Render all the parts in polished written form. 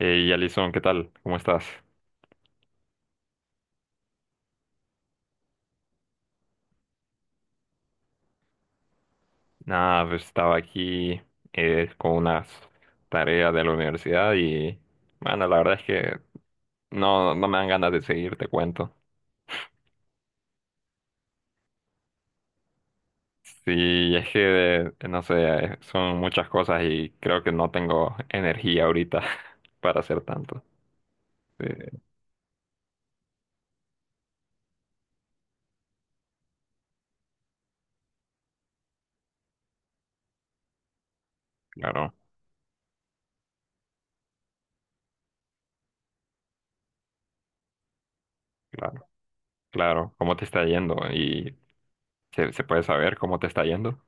Hey, Alison, ¿qué tal? ¿Cómo estás? Nada, pues estaba aquí con unas tareas de la universidad y, bueno, la verdad es que no, no me dan ganas de seguir, te cuento. Sí, es que, no sé, son muchas cosas y creo que no tengo energía ahorita para hacer tanto. Sí, claro, claro, claro. ¿Cómo te está yendo? ¿Y se puede saber cómo te está yendo?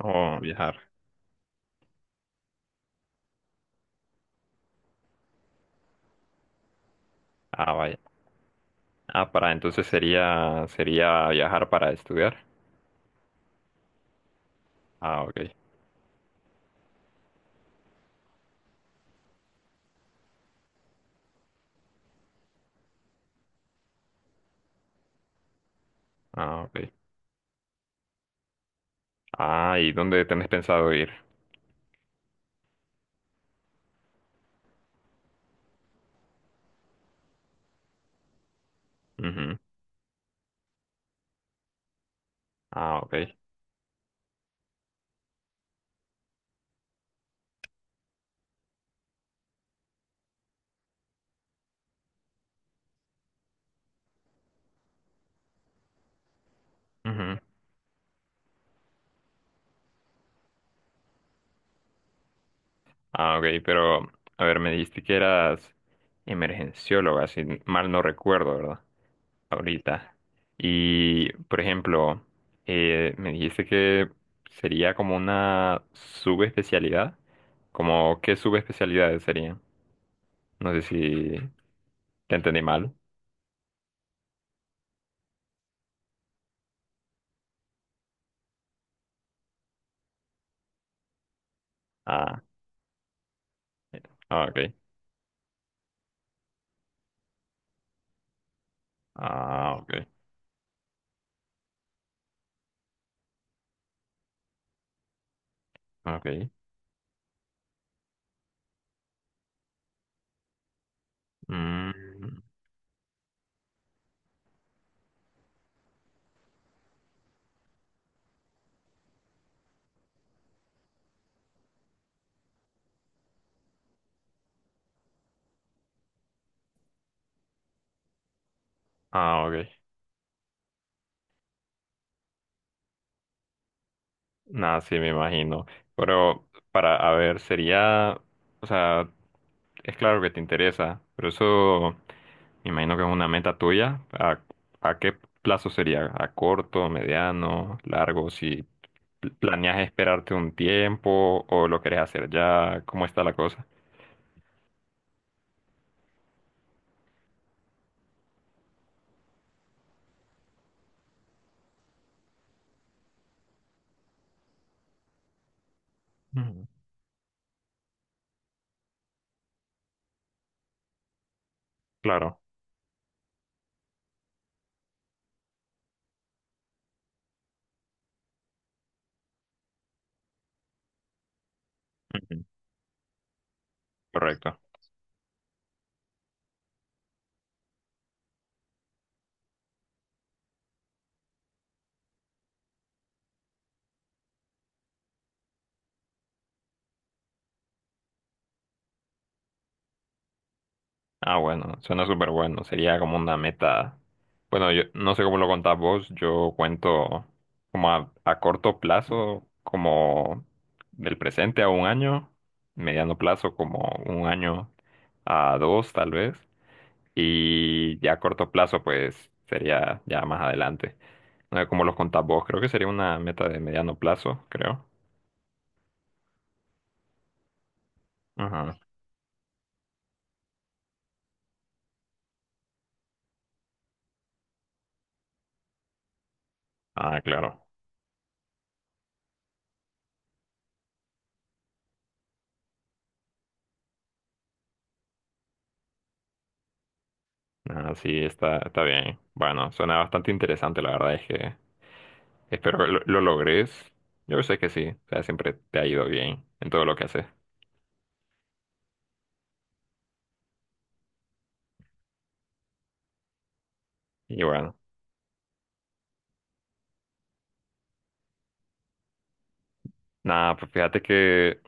Oh, viajar. Ah, vaya. Ah, para entonces sería viajar para estudiar. Ah, ok. Ah, ok. Ah, ¿y dónde tenés pensado ir? Ujú. Ah, ok. Ujú. Ah, ok, pero a ver, me dijiste que eras emergencióloga, si mal no recuerdo, ¿verdad? Ahorita. Y, por ejemplo, me dijiste que sería como una subespecialidad. Como, ¿qué subespecialidades serían? No sé si te entendí mal. Ah, eh, ah, ok. Ah, ok. Ah, ok. Mm, ah, ok. Nada, sí, me imagino. Pero para, a ver, sería, o sea, es claro que te interesa, pero eso me imagino que es una meta tuya. A qué plazo sería? ¿A corto, mediano, largo? Si planeas esperarte un tiempo o lo querés hacer ya, ¿cómo está la cosa? Ujú. Claro, ujú, correcto. Ah, bueno, suena súper bueno. Sería como una meta. Bueno, yo no sé cómo lo contás vos. Yo cuento como a corto plazo, como del presente a un año, mediano plazo como un año a dos tal vez, y ya a corto plazo pues sería ya más adelante. No sé cómo los contás vos. Creo que sería una meta de mediano plazo, creo. Ajá. Ah, claro. Ah, sí, está, está bien. Bueno, suena bastante interesante, la verdad es que espero lo logres. Yo sé que sí. O sea, siempre te ha ido bien en todo lo que haces. Y bueno, nada, pues fíjate que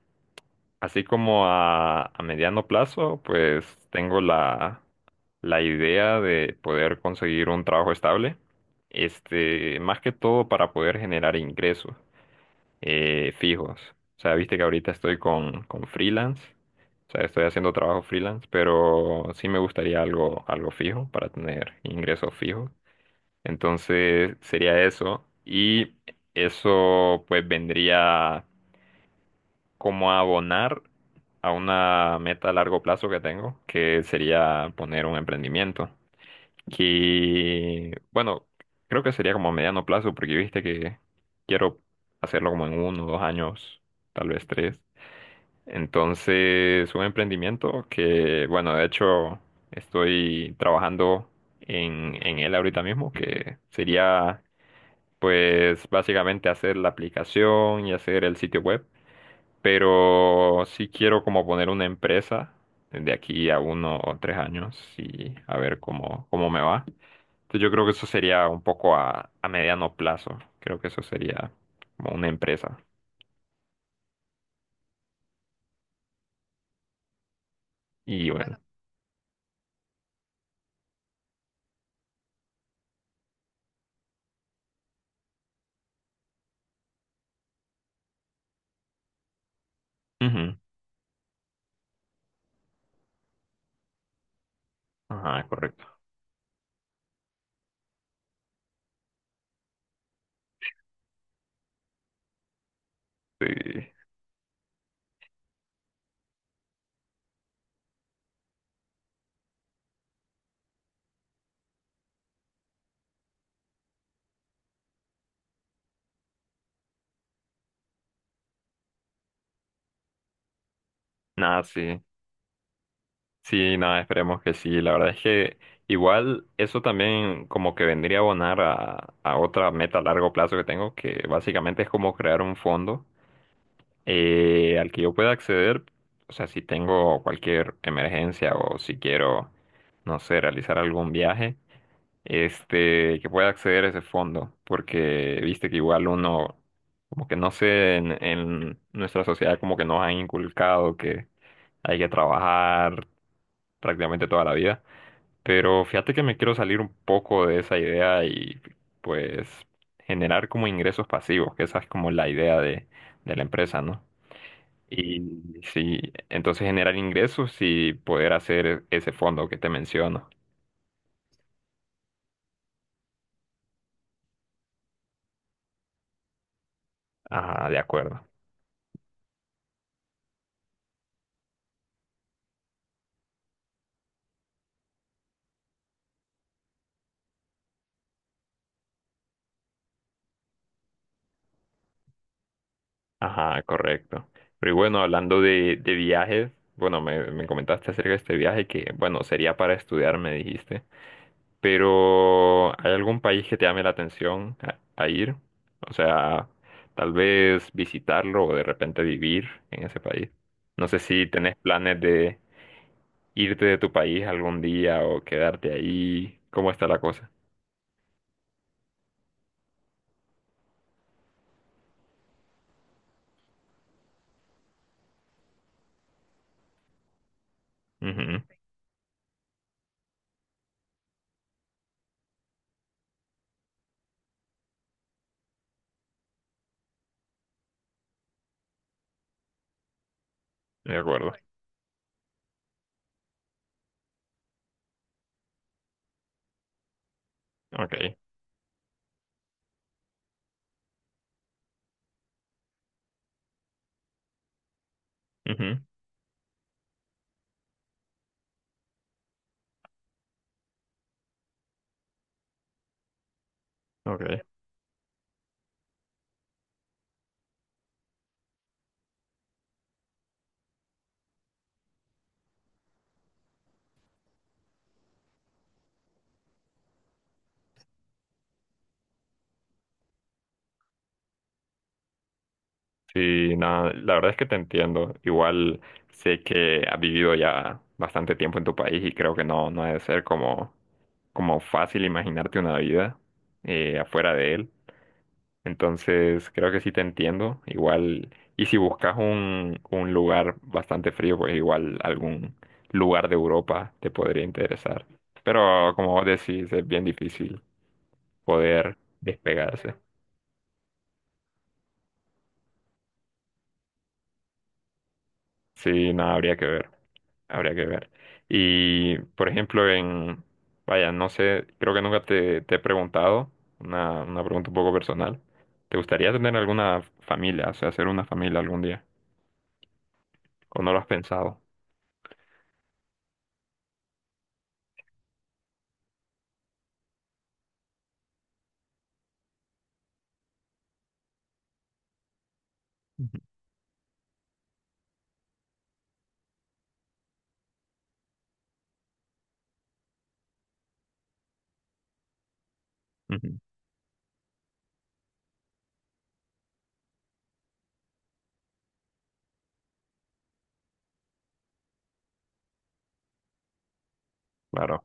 así como a mediano plazo, pues tengo la idea de poder conseguir un trabajo estable. Este, más que todo para poder generar ingresos fijos. O sea, viste que ahorita estoy con freelance. O sea, estoy haciendo trabajo freelance, pero sí me gustaría algo fijo para tener ingresos fijos. Entonces sería eso. Y eso pues vendría como a abonar a una meta a largo plazo que tengo, que sería poner un emprendimiento. Y bueno, creo que sería como a mediano plazo, porque viste que quiero hacerlo como en uno, 2 años, tal vez tres. Entonces, un emprendimiento que, bueno, de hecho estoy trabajando en él ahorita mismo, que sería pues básicamente hacer la aplicación y hacer el sitio web, pero sí quiero como poner una empresa de aquí a uno o tres años y a ver cómo, cómo me va. Entonces yo creo que eso sería un poco a mediano plazo, creo que eso sería como una empresa. Y bueno, claro, ujú, ajá, correcto. Sí. Nada, sí. Sí, nada, esperemos que sí. La verdad es que igual eso también como que vendría a abonar a otra meta a largo plazo que tengo, que básicamente es como crear un fondo al que yo pueda acceder, o sea, si tengo cualquier emergencia o si quiero, no sé, realizar algún viaje, este, que pueda acceder a ese fondo, porque viste que igual uno, como que no sé, en nuestra sociedad como que nos han inculcado que hay que trabajar prácticamente toda la vida. Pero fíjate que me quiero salir un poco de esa idea y pues generar como ingresos pasivos, que esa es como la idea de la empresa, ¿no? Y sí, entonces generar ingresos y poder hacer ese fondo que te menciono. Ajá, de acuerdo. Ajá, correcto. Pero y bueno, hablando de viajes, bueno, me comentaste acerca de este viaje que, bueno, sería para estudiar, me dijiste. Pero, ¿hay algún país que te llame la atención a ir? O sea, tal vez visitarlo o de repente vivir en ese país. No sé si tenés planes de irte de tu país algún día o quedarte ahí. ¿Cómo está la cosa? Ujú, de acuerdo. Ok. Ujú, ok. Sí, no, la verdad es que te entiendo. Igual sé que has vivido ya bastante tiempo en tu país y creo que no, no debe ser como, como fácil imaginarte una vida afuera de él. Entonces, creo que sí te entiendo. Igual, y si buscas un lugar bastante frío, pues igual algún lugar de Europa te podría interesar. Pero como vos decís, es bien difícil poder despegarse. Sí, no, habría que ver, habría que ver. Y, por ejemplo, vaya, no sé, creo que nunca te he preguntado, una pregunta un poco personal. ¿Te gustaría tener alguna familia, o sea, hacer una familia algún día? ¿O no lo has pensado? Ujú. Ujú, claro,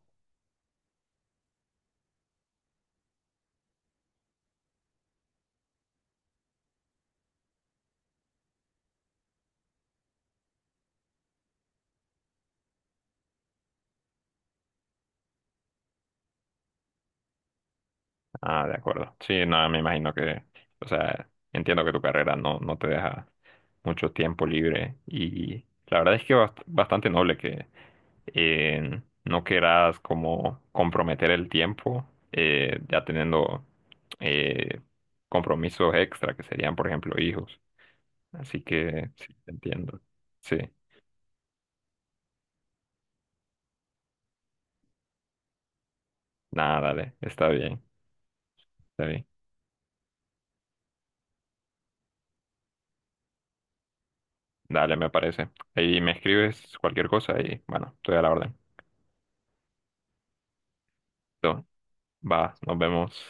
ah, de acuerdo. Sí, no, me imagino que, o sea, entiendo que tu carrera no, no te deja mucho tiempo libre y la verdad es que bastante noble que no querás como comprometer el tiempo, ya teniendo eh, compromisos extra que serían, por ejemplo, hijos. Así que sí, te entiendo. Sí, nada, dale, está bien, está bien. Dale, me parece. Ahí me escribes cualquier cosa y bueno, estoy a la orden. Entonces, va, nos vemos.